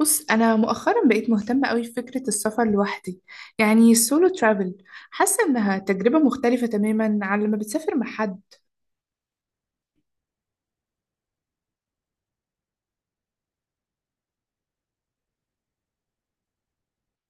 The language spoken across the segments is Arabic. بص انا مؤخرا بقيت مهتمه قوي بفكره السفر لوحدي، يعني السولو ترافل. حاسه انها تجربه مختلفه تماما عن لما بتسافر مع حد.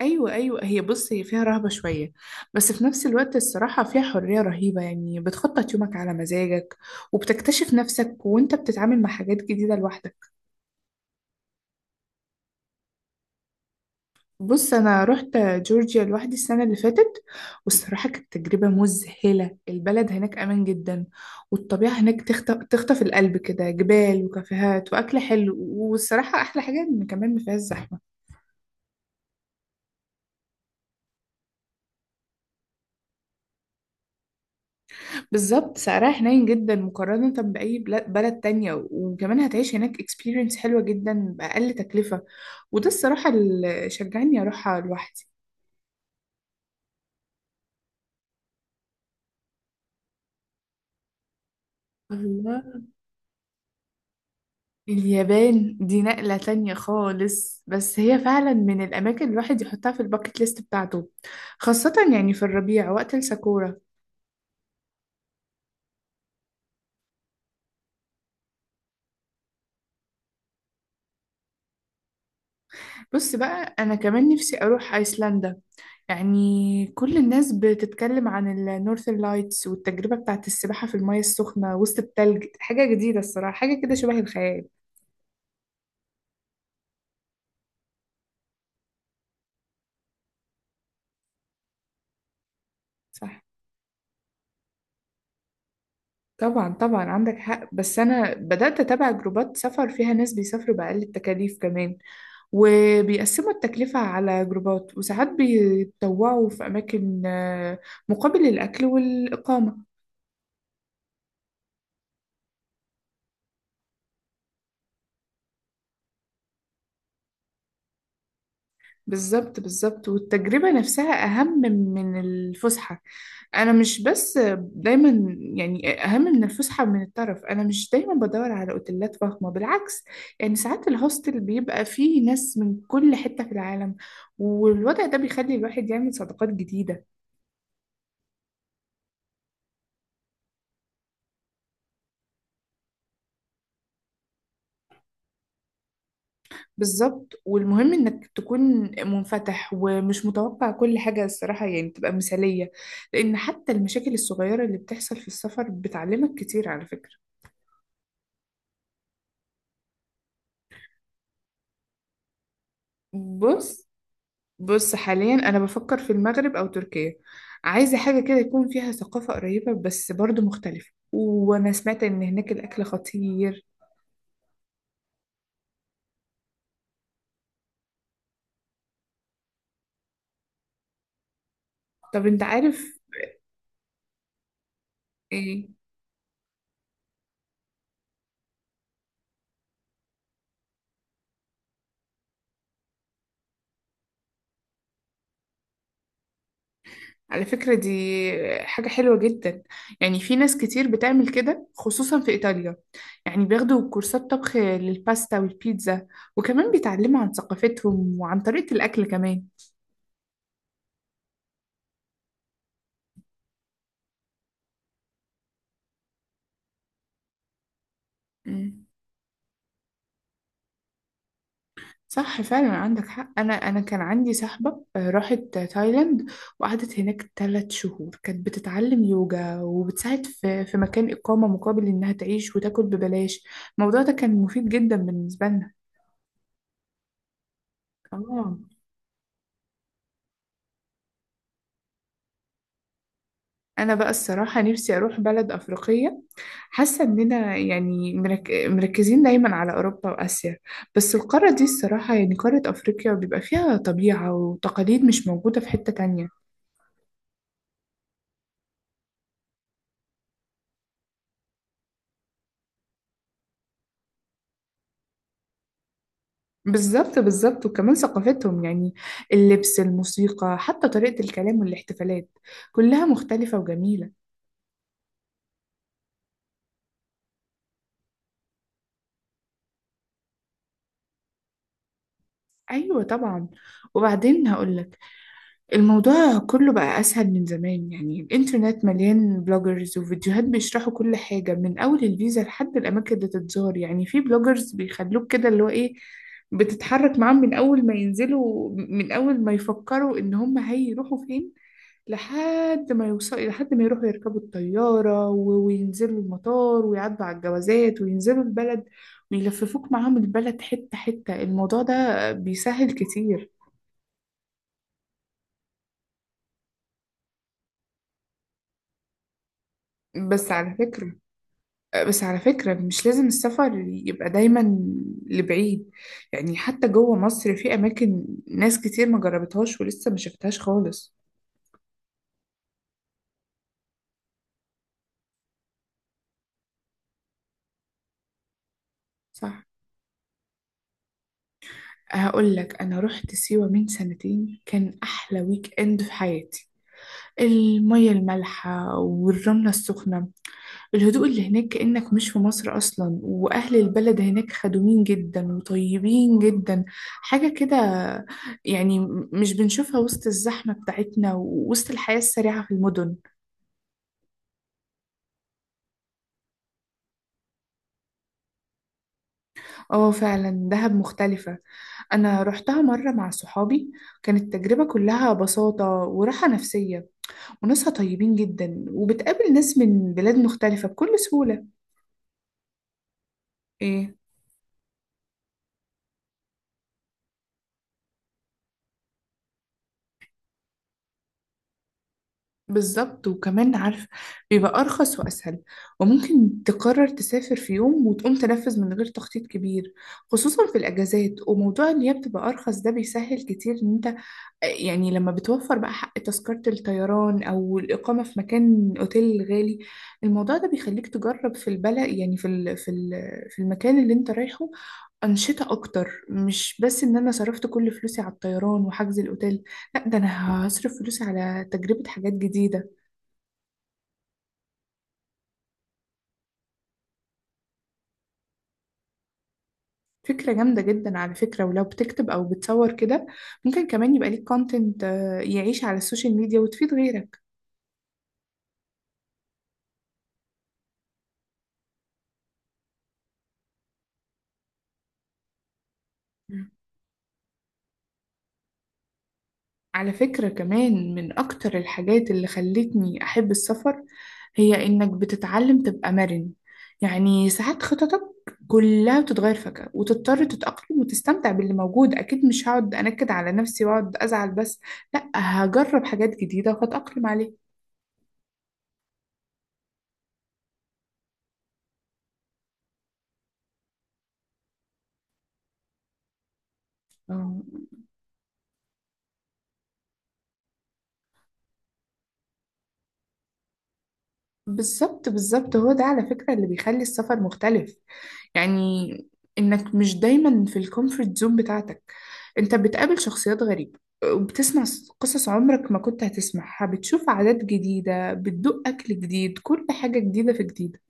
ايوه ايوه، هي هي فيها رهبه شويه، بس في نفس الوقت الصراحه فيها حريه رهيبه، يعني بتخطط يومك على مزاجك وبتكتشف نفسك وانت بتتعامل مع حاجات جديده لوحدك. بص، أنا رحت جورجيا لوحدي السنة اللي فاتت، والصراحة كانت تجربة مذهلة. البلد هناك أمان جدا، والطبيعة هناك تخطف القلب كده، جبال وكافيهات وأكل حلو، والصراحة أحلى حاجة إن كمان ما فيهاش زحمة. بالظبط، سعرها حنين جدا مقارنة بلد تانية، وكمان هتعيش هناك experience حلوة جدا بأقل تكلفة. وده الصراحة اللي شجعني أروحها لوحدي. الله، اليابان دي نقلة تانية خالص، بس هي فعلا من الأماكن الواحد يحطها في الباكت ليست بتاعته، خاصة يعني في الربيع وقت الساكورا. بص بقى، أنا كمان نفسي أروح أيسلندا، يعني كل الناس بتتكلم عن النورثern لايتس والتجربة بتاعت السباحة في المياه السخنة وسط التلج. حاجة جديدة الصراحة، حاجة كده شبه الخيال. صح، طبعا طبعا عندك حق، بس أنا بدأت أتابع جروبات سفر فيها ناس بيسافروا بأقل التكاليف كمان، وبيقسموا التكلفة على جروبات، وساعات بيتطوعوا في أماكن مقابل الأكل والإقامة. بالظبط بالظبط، والتجربة نفسها أهم من الفسحة. أنا مش بس دايما، يعني أهم من الفسحة من الطرف. أنا مش دايما بدور على أوتيلات فخمة، بالعكس، يعني ساعات الهوستل بيبقى فيه ناس من كل حتة في العالم، والوضع ده بيخلي الواحد يعمل صداقات جديدة. بالظبط، والمهم انك تكون منفتح ومش متوقع كل حاجة الصراحة يعني تبقى مثالية، لان حتى المشاكل الصغيرة اللي بتحصل في السفر بتعلمك كتير على فكرة. بص بص، حاليا انا بفكر في المغرب او تركيا. عايزة حاجة كده يكون فيها ثقافة قريبة بس برضو مختلفة، وانا سمعت ان هناك الاكل خطير. طب انت عارف ايه، على فكرة دي حاجة حلوة جدا، يعني في ناس كتير بتعمل كده خصوصا في إيطاليا، يعني بياخدوا كورسات طبخ للباستا والبيتزا، وكمان بيتعلموا عن ثقافتهم وعن طريقة الأكل كمان. مم. صح فعلا عندك حق. أنا كان عندي صاحبة راحت تايلاند وقعدت هناك 3 شهور. كانت بتتعلم يوجا وبتساعد في مكان إقامة مقابل إنها تعيش وتاكل ببلاش. الموضوع ده كان مفيد جدا بالنسبة لنا. اه، انا بقى الصراحه نفسي اروح بلد افريقيه. حاسه اننا يعني مركزين دايما على اوروبا واسيا، بس القاره دي الصراحه يعني قاره افريقيا بيبقى فيها طبيعه وتقاليد مش موجوده في حته تانية. بالظبط بالظبط، وكمان ثقافتهم يعني، اللبس، الموسيقى، حتى طريقه الكلام والاحتفالات، كلها مختلفه وجميله. ايوه طبعا. وبعدين هقولك، الموضوع كله بقى أسهل من زمان، يعني الإنترنت مليان بلوجرز وفيديوهات بيشرحوا كل حاجة من أول الفيزا لحد الأماكن اللي تتزار. يعني في بلوجرز بيخلوك كده اللي هو إيه، بتتحرك معاهم من أول ما ينزلوا، من أول ما يفكروا إن هم هيروحوا فين، لحد ما يوصلوا، لحد ما يروحوا يركبوا الطيارة وينزلوا المطار ويعدوا على الجوازات وينزلوا البلد ويلففوك معاهم البلد حتة حتة. الموضوع ده بيسهل كتير. بس على فكرة، مش لازم السفر يبقى دايما لبعيد، يعني حتى جوه مصر في أماكن ناس كتير ما جربتهاش ولسه ما شفتهاش خالص. صح، هقول لك، أنا رحت سيوة من سنتين، كان أحلى ويك إند في حياتي. المية المالحة والرملة السخنة، الهدوء اللي هناك كأنك مش في مصر أصلا، وأهل البلد هناك خدومين جدا وطيبين جدا. حاجة كده يعني مش بنشوفها وسط الزحمة بتاعتنا ووسط الحياة السريعة في المدن. اه فعلا، دهب مختلفة. أنا رحتها مرة مع صحابي، كانت التجربة كلها بساطة وراحة نفسية، وناسها طيبين جدا، وبتقابل ناس من بلاد مختلفة بكل سهولة. إيه، بالظبط، وكمان عارف، بيبقى أرخص وأسهل، وممكن تقرر تسافر في يوم وتقوم تنفذ من غير تخطيط كبير، خصوصا في الأجازات. وموضوع إن هي بتبقى أرخص ده بيسهل كتير إن أنت، يعني لما بتوفر بقى حق تذكرة الطيران أو الإقامة في مكان أوتيل غالي، الموضوع ده بيخليك تجرب في البلد، يعني في المكان اللي أنت رايحه أنشطة أكتر، مش بس إن أنا صرفت كل فلوسي على الطيران وحجز الأوتيل. لأ، ده أنا هصرف فلوسي على تجربة حاجات جديدة. فكرة جامدة جدا على فكرة. ولو بتكتب أو بتصور كده، ممكن كمان يبقى ليك كونتنت يعيش على السوشيال ميديا وتفيد غيرك. مم. على فكرة كمان، من أكتر الحاجات اللي خلتني أحب السفر هي إنك بتتعلم تبقى مرن، يعني ساعات خططك كلها بتتغير فجأة وتضطر تتأقلم وتستمتع باللي موجود. أكيد مش هقعد أنكد على نفسي وأقعد أزعل، بس لأ، هجرب حاجات جديدة وهتأقلم عليها. اه بالظبط بالظبط، هو ده على فكرة اللي بيخلي السفر مختلف، يعني انك مش دايما في الكومفورت زون بتاعتك. انت بتقابل شخصيات غريبة، وبتسمع قصص عمرك ما كنت هتسمعها، بتشوف عادات جديدة، بتدوق أكل جديد، كل حاجة جديدة في جديدة.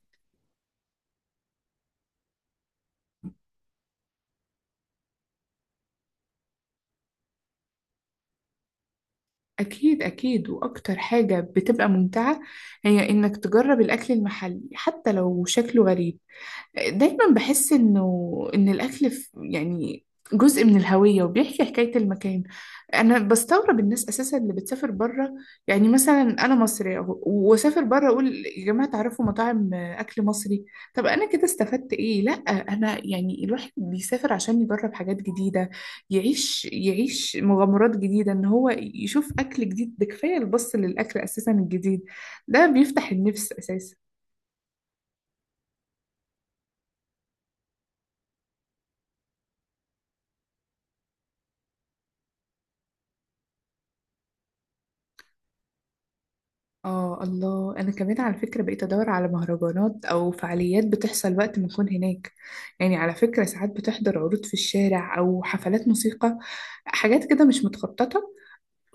أكيد أكيد، وأكتر حاجة بتبقى ممتعة هي إنك تجرب الأكل المحلي حتى لو شكله غريب. دايما بحس انه ان الاكل يعني جزء من الهوية وبيحكي حكاية المكان. انا بستغرب الناس اساسا اللي بتسافر بره، يعني مثلا انا مصرية واسافر بره اقول يا جماعة تعرفوا مطاعم اكل مصري؟ طب انا كده استفدت ايه؟ لا انا يعني الواحد بيسافر عشان يجرب حاجات جديدة، يعيش يعيش مغامرات جديدة. ان هو يشوف اكل جديد ده كفاية. البص للاكل اساسا الجديد ده بيفتح النفس اساسا. اه الله، انا كمان على فكره بقيت ادور على مهرجانات او فعاليات بتحصل وقت ما اكون هناك. يعني على فكره ساعات بتحضر عروض في الشارع او حفلات موسيقى، حاجات كده مش متخططه،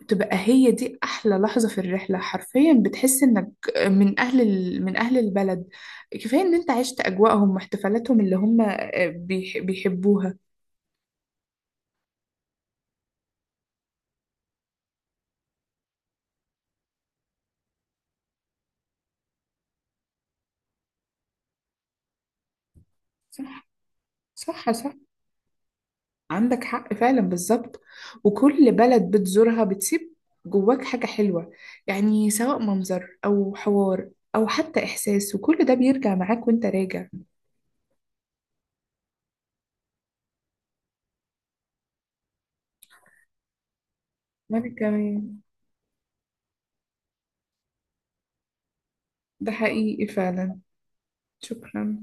تبقى هي دي احلى لحظه في الرحله حرفيا. بتحس انك من اهل من اهل البلد، كفايه ان انت عشت اجواءهم واحتفالاتهم اللي هم بيحبوها. صح صح صح، عندك حق فعلا، بالظبط. وكل بلد بتزورها بتسيب جواك حاجة حلوة، يعني سواء منظر أو حوار أو حتى إحساس، وكل ده بيرجع معاك وأنت راجع. وأنا كمان، ده حقيقي فعلا. شكرا.